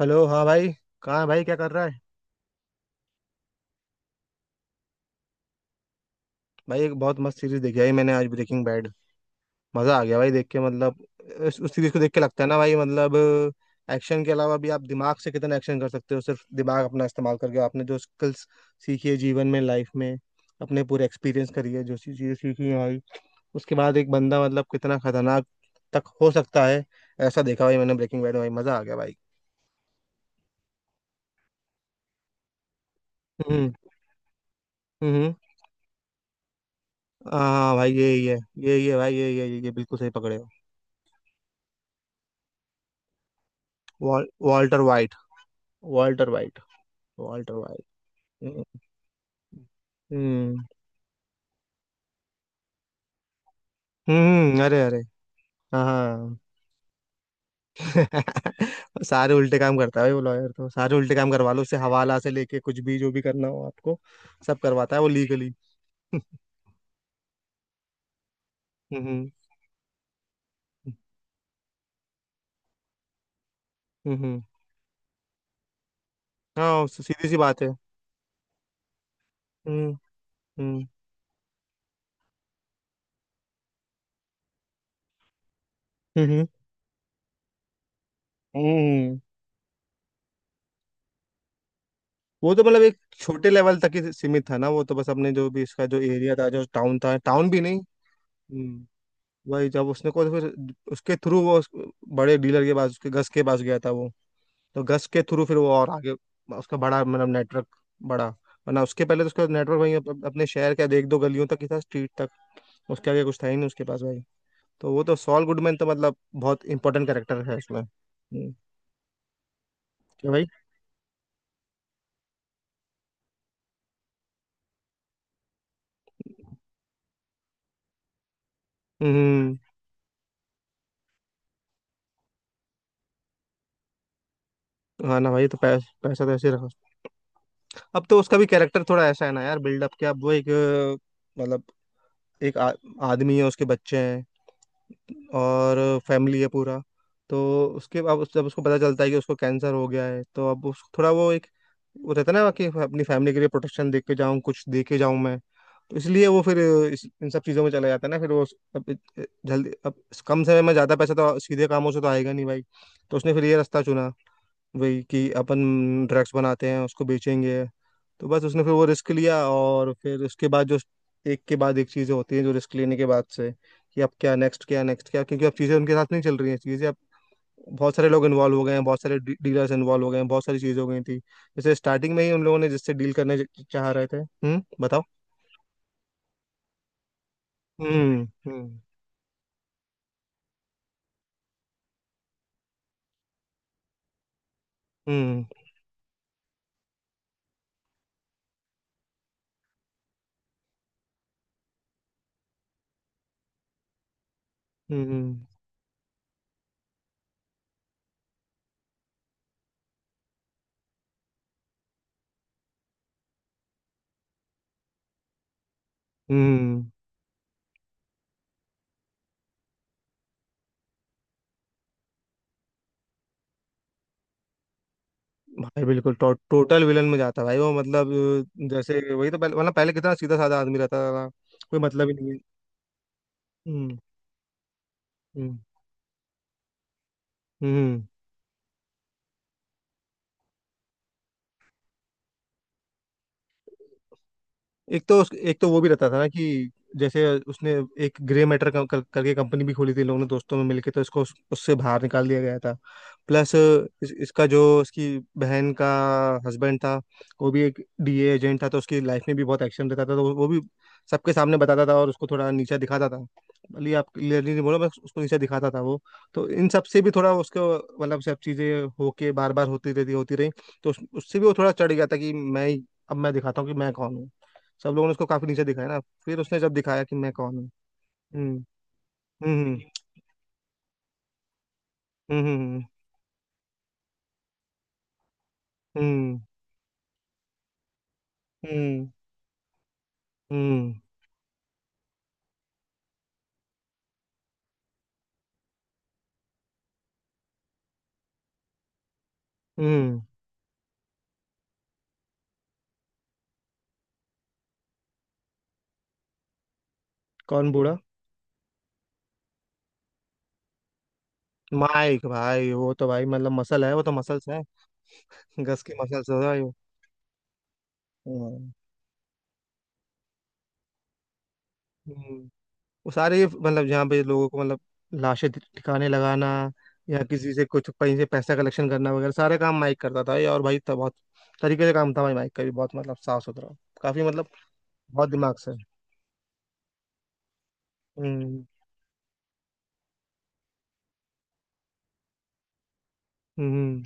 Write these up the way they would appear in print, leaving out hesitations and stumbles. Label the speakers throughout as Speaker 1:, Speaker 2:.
Speaker 1: Hello, हाँ भाई। कहाँ है भाई, क्या कर रहा है? भाई एक बहुत मस्त सीरीज देखी है मैंने आज, ब्रेकिंग बैड। मजा आ गया भाई देख के, मतलब उस सीरीज को देख के लगता है ना भाई, मतलब एक्शन के अलावा भी आप दिमाग से कितना एक्शन कर सकते हो, सिर्फ दिमाग अपना इस्तेमाल करके। आपने जो स्किल्स सीखी है जीवन में, लाइफ में, अपने पूरे एक्सपीरियंस करी है, जो सी चीजें सीखी है भाई, उसके बाद एक बंदा मतलब कितना खतरनाक तक हो सकता है, ऐसा देखा भाई मैंने ब्रेकिंग बैड में। भाई मजा आ गया भाई। हम्म। हम्म। हाँ भाई, यही है। यही है भाई, यही है। ये बिल्कुल सही पकड़े हो। Walter White. Walter White. Walter White. हम्म। हम्म। अरे अरे। हाँ। सारे उल्टे काम करता है भाई वो लॉयर, तो सारे उल्टे काम करवा लो उससे, हवाला से लेके कुछ भी जो भी करना हो आपको, सब करवाता है वो लीगली। हम्म। हम्म। हम्म, हम्म। हाँ, सीधी सी बात है। हम्म। हम्म। हम्म। हम्म। वो तो मतलब एक छोटे लेवल तक ही सीमित था ना, वो तो बस अपने जो भी इसका जो एरिया था, जो टाउन था, टाउन भी नहीं। हम्म। वही जब उसने को फिर, उसके थ्रू वो उस बड़े डीलर के पास, उसके गस के पास गया था वो, तो गस के थ्रू फिर वो और आगे उसका बड़ा मतलब नेटवर्क, बड़ा। वरना उसके पहले तो उसका नेटवर्क भाई अप, अप- अपने शहर के एक दो गलियों तक ही था, स्ट्रीट तक। उसके आगे कुछ था ही नहीं उसके पास भाई। तो वो तो सॉल गुडमैन तो मतलब बहुत इंपॉर्टेंट कैरेक्टर है उसमें। हम्म। क्या भाई। हम्म। हाँ ना भाई, तो पैसा तो ऐसे ही रखा। अब तो उसका भी कैरेक्टर थोड़ा ऐसा है ना यार, बिल्डअप क्या, अब वो एक मतलब एक आदमी है, उसके बच्चे हैं और फैमिली है पूरा। तो उसके अब जब उसको पता चलता है कि उसको कैंसर हो गया है, तो अब उस थोड़ा वो एक वो रहता है ना कि अपनी फैमिली के लिए प्रोटेक्शन दे के जाऊँ, कुछ दे के जाऊँ मैं। तो इसलिए वो फिर इन सब चीज़ों में चला जाता है ना। फिर वो अब जल्दी, अब कम समय में ज़्यादा पैसा तो सीधे कामों से तो आएगा नहीं भाई। तो उसने फिर ये रास्ता चुना, वही कि अपन ड्रग्स बनाते हैं उसको बेचेंगे। तो बस उसने फिर वो रिस्क लिया, और फिर उसके बाद जो एक के बाद एक चीज़ें होती हैं जो रिस्क लेने के बाद से। कि अब क्या नेक्स्ट, क्या नेक्स्ट, क्या, क्योंकि अब चीज़ें उनके साथ नहीं चल रही हैं। चीज़ें अब बहुत सारे लोग इन्वॉल्व हो गए हैं, बहुत सारे डीलर्स इन्वॉल्व हो गए हैं, बहुत सारी चीज़ें हो गई थी जैसे स्टार्टिंग में ही, उन लोगों ने जिससे डील करने चाह रहे थे। हम्म, बताओ। हम्म। हम्म। हम्म। हम्म। हम्म। भाई बिल्कुल टोटल विलन में जाता है भाई वो मतलब। जैसे वही तो पहले मतलब पहले कितना सीधा साधा आदमी रहता था, कोई मतलब ही नहीं है। हम्म। हम्म। हम्म। एक तो वो भी रहता था ना कि जैसे उसने एक ग्रे मैटर कर, कर, करके कंपनी भी खोली थी, लोगों ने दोस्तों में मिलके, तो इसको उससे बाहर निकाल दिया गया था। प्लस इसका जो इसकी बहन का हस्बैंड था, वो भी एक डीए एजेंट था, तो उसकी लाइफ में भी बहुत एक्शन रहता था। तो वो भी सबके सामने बताता था और उसको थोड़ा नीचा दिखाता था, भले ही आप क्लियरली नहीं बोला, बस उसको नीचा दिखाता था वो। तो इन सब से भी थोड़ा उसको, मतलब सब चीज़ें होके बार बार होती रहती होती रही, तो उससे भी वो थोड़ा चढ़ गया था कि अब मैं दिखाता हूँ कि मैं कौन हूँ। सब लोगों ने उसको काफी नीचे दिखाया ना, फिर उसने जब दिखाया कि मैं कौन हूँ। हम्म। हम्म। हम्म। हम्म। हम्म। हम्म। हम्म। हम्म, कौन बूढ़ा? माइक भाई, वो तो भाई मतलब मसल है, वो तो मसल्स है, गस की मसल्स है भाई वो। हम्म। हम्म। वो सारे मतलब जहाँ पे लोगों को, मतलब लाशें ठिकाने लगाना या किसी से कुछ कहीं से पैसा कलेक्शन करना वगैरह, सारे काम माइक करता था ये। और भाई तो बहुत तरीके से काम था भाई माइक का भी, बहुत मतलब साफ सुथरा, काफी मतलब, बहुत दिमाग से। हम्म। हम्म।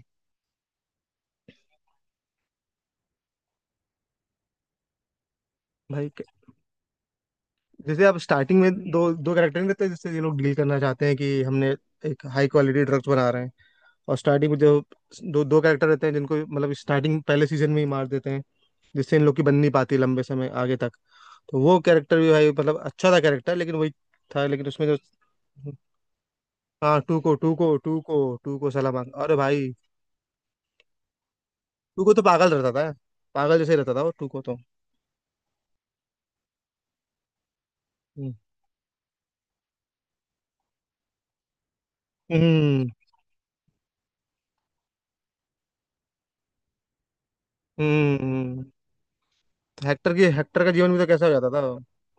Speaker 1: भाई जैसे आप स्टार्टिंग में दो दो कैरेक्टर नहीं रहते जिससे ये लोग डील करना चाहते हैं कि हमने एक हाई क्वालिटी ड्रग्स बना रहे हैं, और स्टार्टिंग में जो दो दो कैरेक्टर रहते हैं जिनको मतलब स्टार्टिंग पहले सीजन में ही मार देते हैं, जिससे इन लोग की बन नहीं पाती लंबे समय आगे तक। तो वो कैरेक्टर भी भाई मतलब अच्छा था कैरेक्टर, लेकिन वही था। लेकिन उसमें जो, हाँ, Tuco Tuco Tuco. Tuco सलाम, अरे भाई। टू को तो पागल रहता था, पागल जैसे रहता था वो टू को तो। हम्म। हम्म। हम्म। हेक्टर का जीवन भी तो कैसा हो जाता था।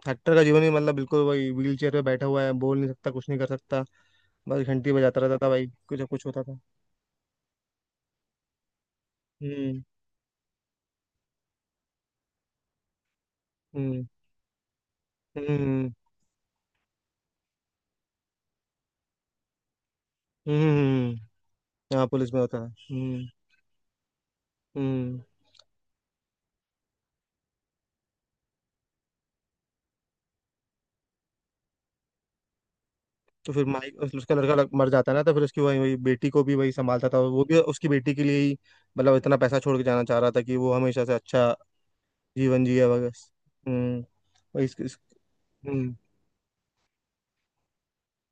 Speaker 1: हेक्टर का जीवन भी मतलब बिल्कुल वही, व्हील चेयर पे बैठा हुआ है, बोल नहीं सकता कुछ नहीं कर सकता, बस घंटी बजाता रहता था भाई कुछ ना कुछ होता था। हम्म। हम्म। हम्म। हम्म। यहाँ पुलिस में होता था। हम्म। हम्म। तो फिर उसका लड़का मर जाता है ना, तो फिर उसकी वही वही बेटी को भी वही संभालता था, वो भी उसकी बेटी के लिए ही मतलब इतना पैसा छोड़ के जाना चाह रहा था कि वो हमेशा से अच्छा जीवन जिए वगैरह। हम्म। वही हम्म।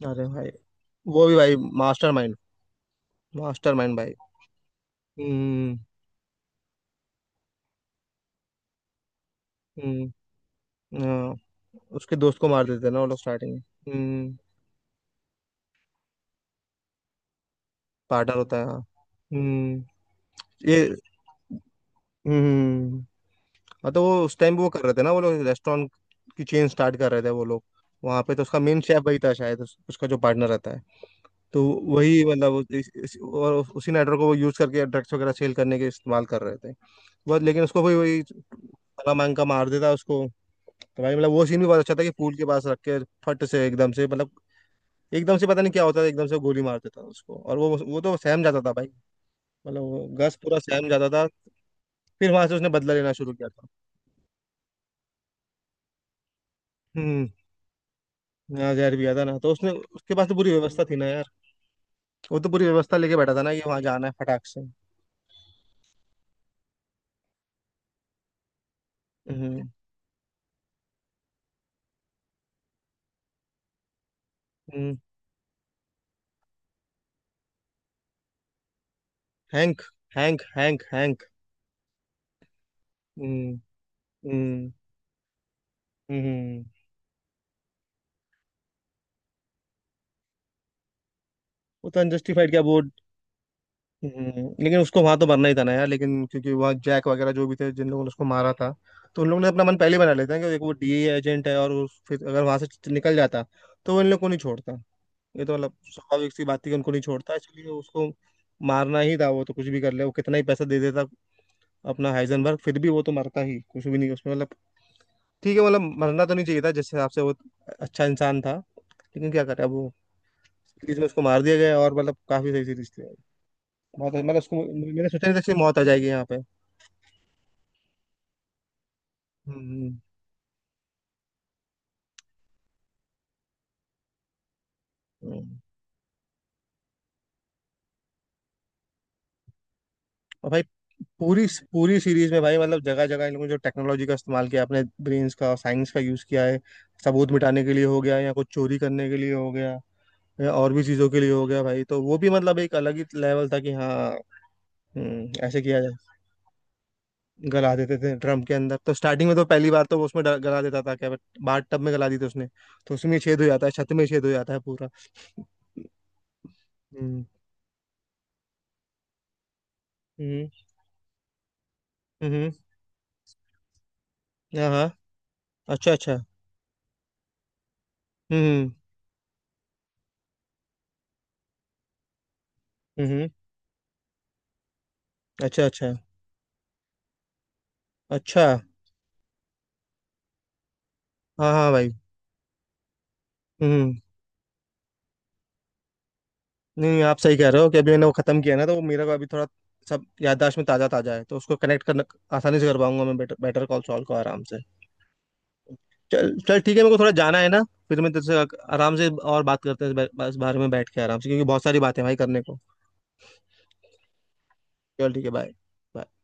Speaker 1: अरे भाई वो भी भाई, मास्टर माइंड। मास्टर माइंड भाई। हम्म। हम्म। हाँ, उसके दोस्त को मार देते हैं ना वो लोग स्टार्टिंग में। हम्म। पार्टनर होता है। हाँ। हम्म। ये। हम्म। हाँ, तो वो उस टाइम भी वो कर रहे थे ना वो लोग, रेस्टोरेंट की चेन स्टार्ट कर रहे थे वो लोग। वहाँ पे तो उसका मेन शेफ वही था शायद, उसका जो पार्टनर रहता है। तो वही मतलब और उसी नेटवर्क को वो यूज करके ड्रग्स वगैरह सेल करने के इस्तेमाल कर रहे थे बस, लेकिन उसको वही वही भला मांग का मार देता उसको। तो भाई मतलब वो सीन भी बहुत अच्छा था कि पूल के पास रख के फट से, एकदम से मतलब एकदम से पता नहीं क्या होता था, एकदम से गोली मार देता था उसको, और वो तो सहम जाता था भाई, मतलब वो गस पूरा सहम जाता था। फिर वहां से उसने बदला लेना शुरू किया था। हम्म। यहाँ जहर भी था ना, तो उसने, उसके पास तो पूरी व्यवस्था थी ना यार, वो तो पूरी व्यवस्था लेके बैठा था ना कि वहां जाना है फटाक से। हम्म। हम्म। हैंक। हैंक। हैंक। हैंक। हम्म। हम्म। हम्म। हम्म। वो तो अनजस्टिफाइड क्या वो। लेकिन उसको वहां तो मरना ही था ना यार, लेकिन क्योंकि वहाँ जैक वगैरह जो भी थे, जिन लोगों ने उसको मारा था, तो उन लोगों ने अपना मन पहले ही बना लेते हैं कि देखो वो डीए एजेंट है और फिर अगर वहां से निकल जाता तो वो इन लोग को नहीं छोड़ता। ये तो मतलब स्वाभाविक सी बात थी कि उनको नहीं छोड़ता, इसलिए उसको मारना ही था। वो तो कुछ भी कर ले, वो कितना ही पैसा दे देता अपना हाइजेनबर्ग, फिर भी वो तो मरता ही, कुछ भी नहीं उसमें मतलब। ठीक है मतलब, मरना तो नहीं चाहिए था जिस हिसाब से वो अच्छा इंसान था, लेकिन क्या करे अब वो, सीरीज में उसको मार दिया गया, और मतलब काफी सही सीरीज थी। बहुत मतलब उसको मैंने सोचा नहीं था कि मौत आ जाएगी यहाँ पे। हम्म। हम्म। और भाई पूरी पूरी सीरीज में भाई मतलब जगह जगह इन लोगों ने जो टेक्नोलॉजी का इस्तेमाल किया, अपने ब्रेन्स का साइंस का यूज किया है, सबूत मिटाने के लिए हो गया या कुछ चोरी करने के लिए हो गया या और भी चीजों के लिए हो गया भाई, तो वो भी मतलब एक अलग ही लेवल था कि हाँ। ऐसे किया जाए। गला देते थे ड्रम के अंदर। तो स्टार्टिंग में तो पहली बार तो वो उसमें गला देता था क्या? बाथ टब में गला दी थी उसने, तो उसमें छेद हो जाता है, छत में छेद हो जाता है पूरा। हम्म। हम्म। हम्म, हाँ हाँ। अच्छा अच्छा। हम्म। हम्म। हम्म। अच्छा, अच्छा। अच्छा, हाँ, हाँ भाई। हुँ। नहीं, आप सही कह रहे हो कि अभी मैंने वो खत्म किया ना, तो वो मेरा को अभी थोड़ा, सब याददाश्त में ताज़ा-ताज़ा है, तो उसको कनेक्ट करना आसानी से कर पाऊँगा मैं, बेटर बेटर कॉल सॉल को आराम से। चल चल ठीक है, मेरे को थोड़ा जाना है ना, फिर मैं तेरे से अक आराम से और बात करते हैं इस बारे में बैठ के आराम से, क्योंकि बहुत सारी बातें हैं भाई करने को। चल ठीक है, बाय। बाय।